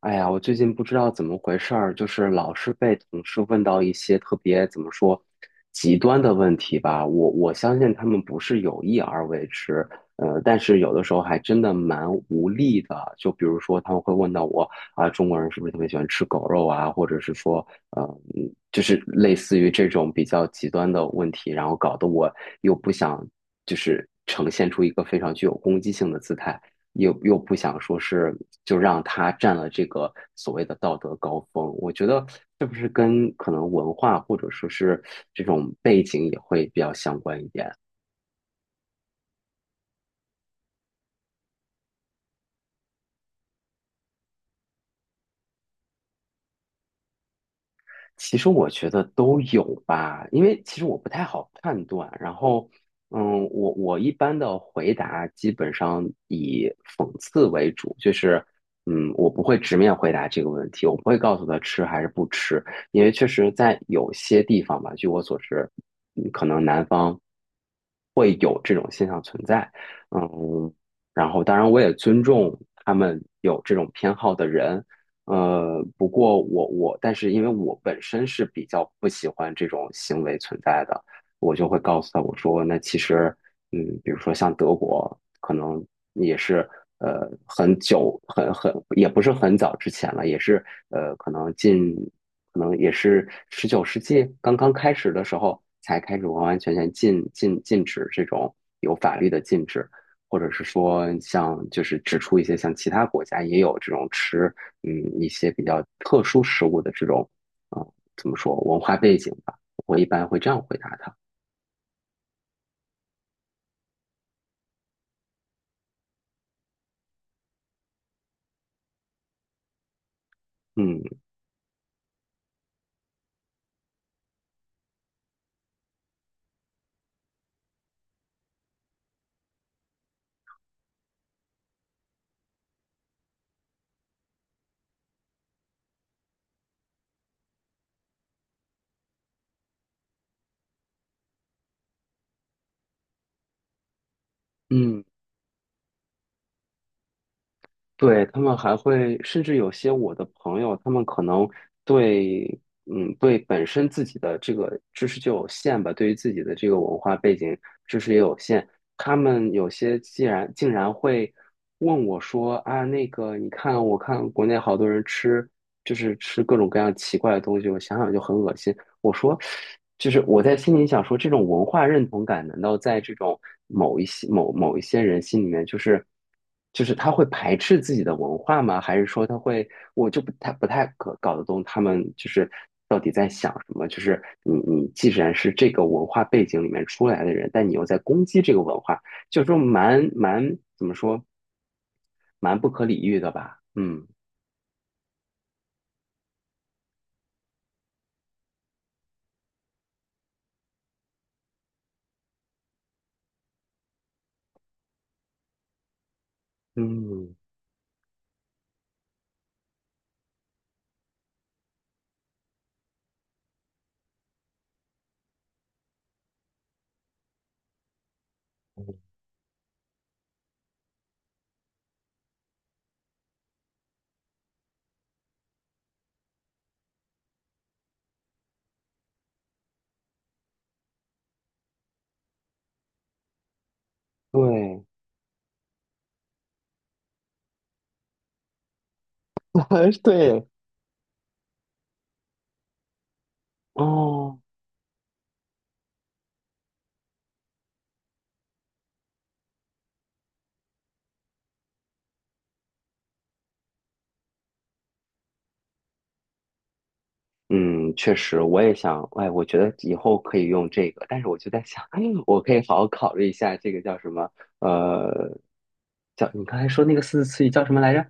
哎呀，我最近不知道怎么回事儿，就是老是被同事问到一些特别怎么说极端的问题吧。我相信他们不是有意而为之，但是有的时候还真的蛮无力的。就比如说他们会问到我啊，中国人是不是特别喜欢吃狗肉啊，或者是说，就是类似于这种比较极端的问题，然后搞得我又不想就是呈现出一个非常具有攻击性的姿态。又不想说是就让他占了这个所谓的道德高峰，我觉得是不是跟可能文化或者说是这种背景也会比较相关一点？其实我觉得都有吧，因为其实我不太好判断。然后，我一般的回答基本上以讽刺为主，就是我不会直面回答这个问题，我不会告诉他吃还是不吃，因为确实在有些地方吧，据我所知，可能会有这种现象存在，嗯，然后当然我也尊重他们有这种偏好的人，不过我但是因为我本身是比较不喜欢这种行为存在的，我就会告诉他我说那其实，比如说像德国，可能也是很久也不是很早之前了，也是可能可能也是19世纪刚刚开始的时候才开始完完全全禁止这种有法律的禁止，或者是说像就是指出一些像其他国家也有这种吃嗯一些比较特殊食物的这种怎么说文化背景吧，我一般会这样回答他。嗯嗯。对，他们还会，甚至有些我的朋友，他们可能对，对本身自己的这个知识就有限吧，对于自己的这个文化背景知识也有限。他们有些竟然会问我说啊，那个你看，我看国内好多人吃，就是吃各种各样奇怪的东西，我想想就很恶心。我说，就是我在心里想说，这种文化认同感，难道在这种某一些人心里面，就是他会排斥自己的文化吗？还是说他会，我就不太搞得懂他们就是到底在想什么？就是你既然是这个文化背景里面出来的人，但你又在攻击这个文化，就说怎么说，蛮不可理喻的吧？嗯嗯，对 对哦。嗯，确实，我也想，哎，我觉得以后可以用这个，但是我就在想，我可以好好考虑一下这个叫什么，呃，叫你刚才说那个四字词语叫什么来着？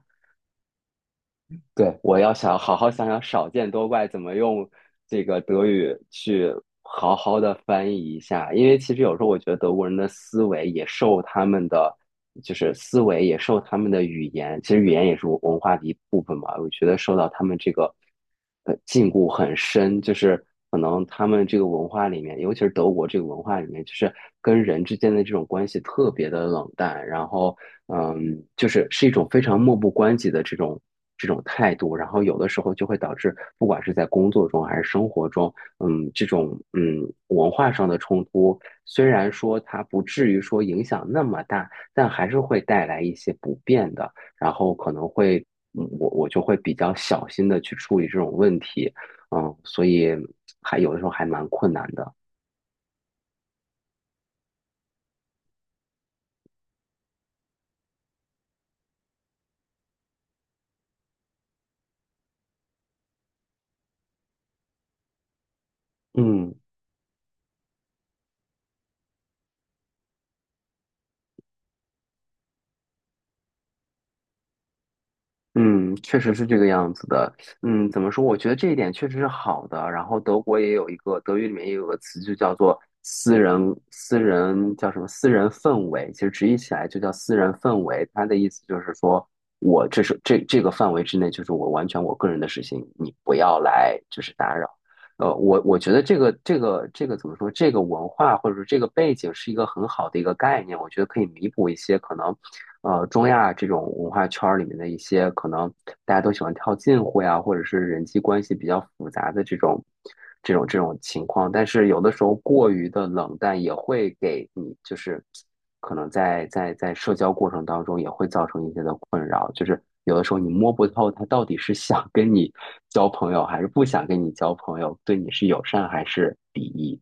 对，我要想好好想想"少见多怪"怎么用这个德语去好好的翻译一下，因为其实有时候我觉得德国人的思维也受他们的，就是思维也受他们的语言，其实语言也是文化的一部分嘛，我觉得受到他们这个。禁锢很深，就是可能他们这个文化里面，尤其是德国这个文化里面，就是跟人之间的这种关系特别的冷淡，然后就是一种非常漠不关己的这种态度，然后有的时候就会导致，不管是在工作中还是生活中，这种文化上的冲突，虽然说它不至于说影响那么大，但还是会带来一些不便的。然后可能会我就会比较小心的去处理这种问题，所以还有的时候还蛮困难的，嗯嗯，确实是这个样子的，怎么说？我觉得这一点确实是好的。然后德国也有一个德语里面也有个词，就叫做私人叫什么私人氛围，其实直译起来就叫私人氛围。它的意思就是说我这是这个范围之内，就是我完全我个人的事情，你不要来就是打扰。我觉得这个怎么说？这个文化或者说这个背景是一个很好的一个概念，我觉得可以弥补一些可能，中亚这种文化圈儿里面的一些可能大家都喜欢套近乎呀，或者是人际关系比较复杂的这种情况。但是有的时候过于的冷淡也会给你就是可能在社交过程当中也会造成一些的困扰，就是有的时候你摸不透他到底是想跟你交朋友还是不想跟你交朋友，对你是友善还是敌意。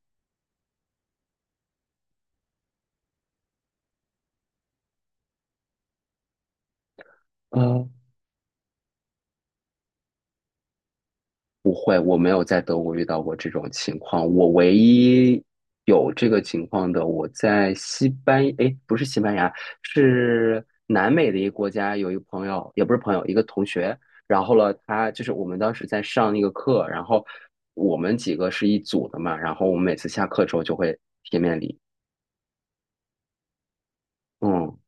嗯。不会，我没有在德国遇到过这种情况。我唯一有这个情况的，我在西班，哎，不是西班牙，是南美的一个国家，有一个朋友，也不是朋友，一个同学。然后呢，他就是我们当时在上那个课，然后我们几个是一组的嘛，然后我们每次下课之后就会贴面礼。嗯，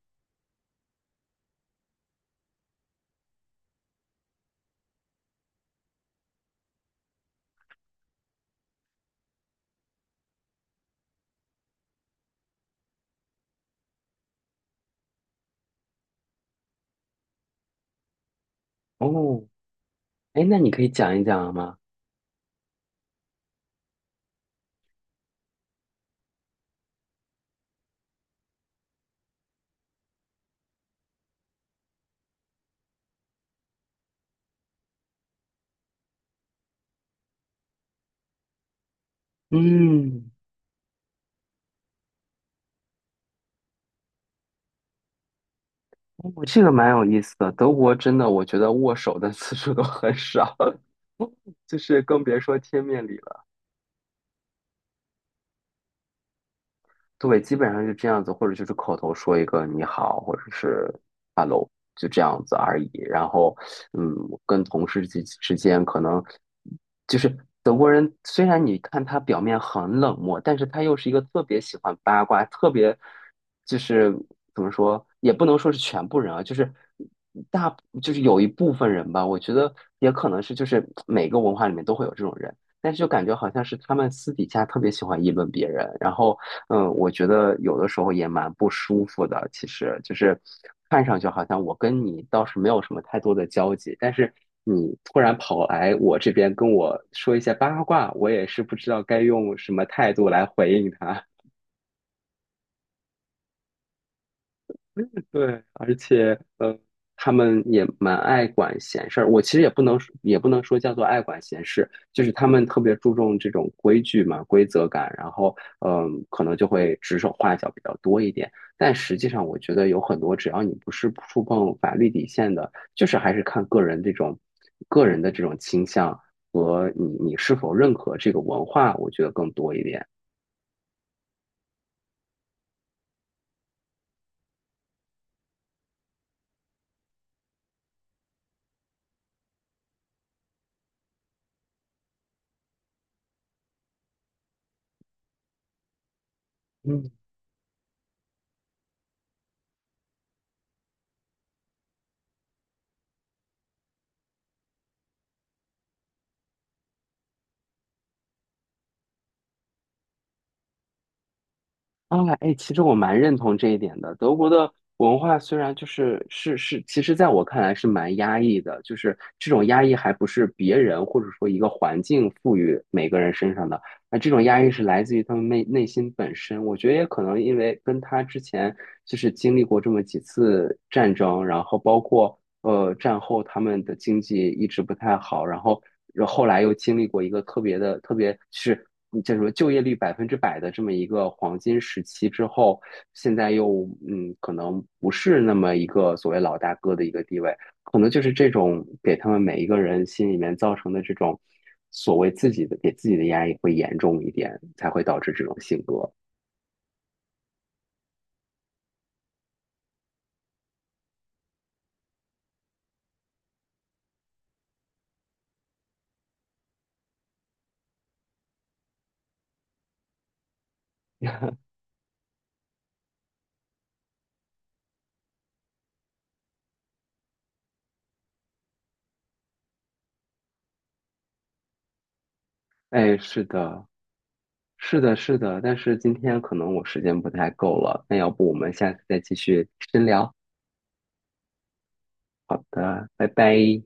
哦，哎，那你可以讲一讲吗？嗯，哦，这个蛮有意思的。德国真的，我觉得握手的次数都很少。就是更别说贴面礼了。对，基本上就这样子，或者就是口头说一个你好，或者是 hello，就这样子而已。然后，嗯，跟同事之间可能就是德国人，虽然你看他表面很冷漠，但是他又是一个特别喜欢八卦，特别就是怎么说，也不能说是全部人啊，就是大有一部分人吧，我觉得也可能是就是每个文化里面都会有这种人。但是就感觉好像是他们私底下特别喜欢议论别人，然后我觉得有的时候也蛮不舒服的，其实就是看上去好像我跟你倒是没有什么太多的交集，但是你突然跑来我这边跟我说一些八卦，我也是不知道该用什么态度来回应他。对，而且他们也蛮爱管闲事儿。我其实也不能说叫做爱管闲事，就是他们特别注重这种规矩嘛、规则感，然后可能就会指手画脚比较多一点。但实际上，我觉得有很多，只要你不是触碰法律底线的，就是还是看个人这种个人的这种倾向和你是否认可这个文化，我觉得更多一点。嗯。啊，哎，其实我蛮认同这一点的。德国的文化虽然就是是，其实在我看来是蛮压抑的，就是这种压抑还不是别人或者说一个环境赋予每个人身上的，那这种压抑是来自于他们内心本身。我觉得也可能因为跟他之前就是经历过这么几次战争，然后包括战后他们的经济一直不太好，然后。然后后来又经历过一个特别的、特别就是叫什说，就业率百分之百的这么一个黄金时期之后，现在又可能不是那么一个所谓老大哥的一个地位，可能就是这种给他们每一个人心里面造成的这种所谓自己的给自己的压力会严重一点，才会导致这种性格。哎，是的，是的，是的，但是今天可能我时间不太够了，那要不我们下次再继续深聊？好的，拜拜。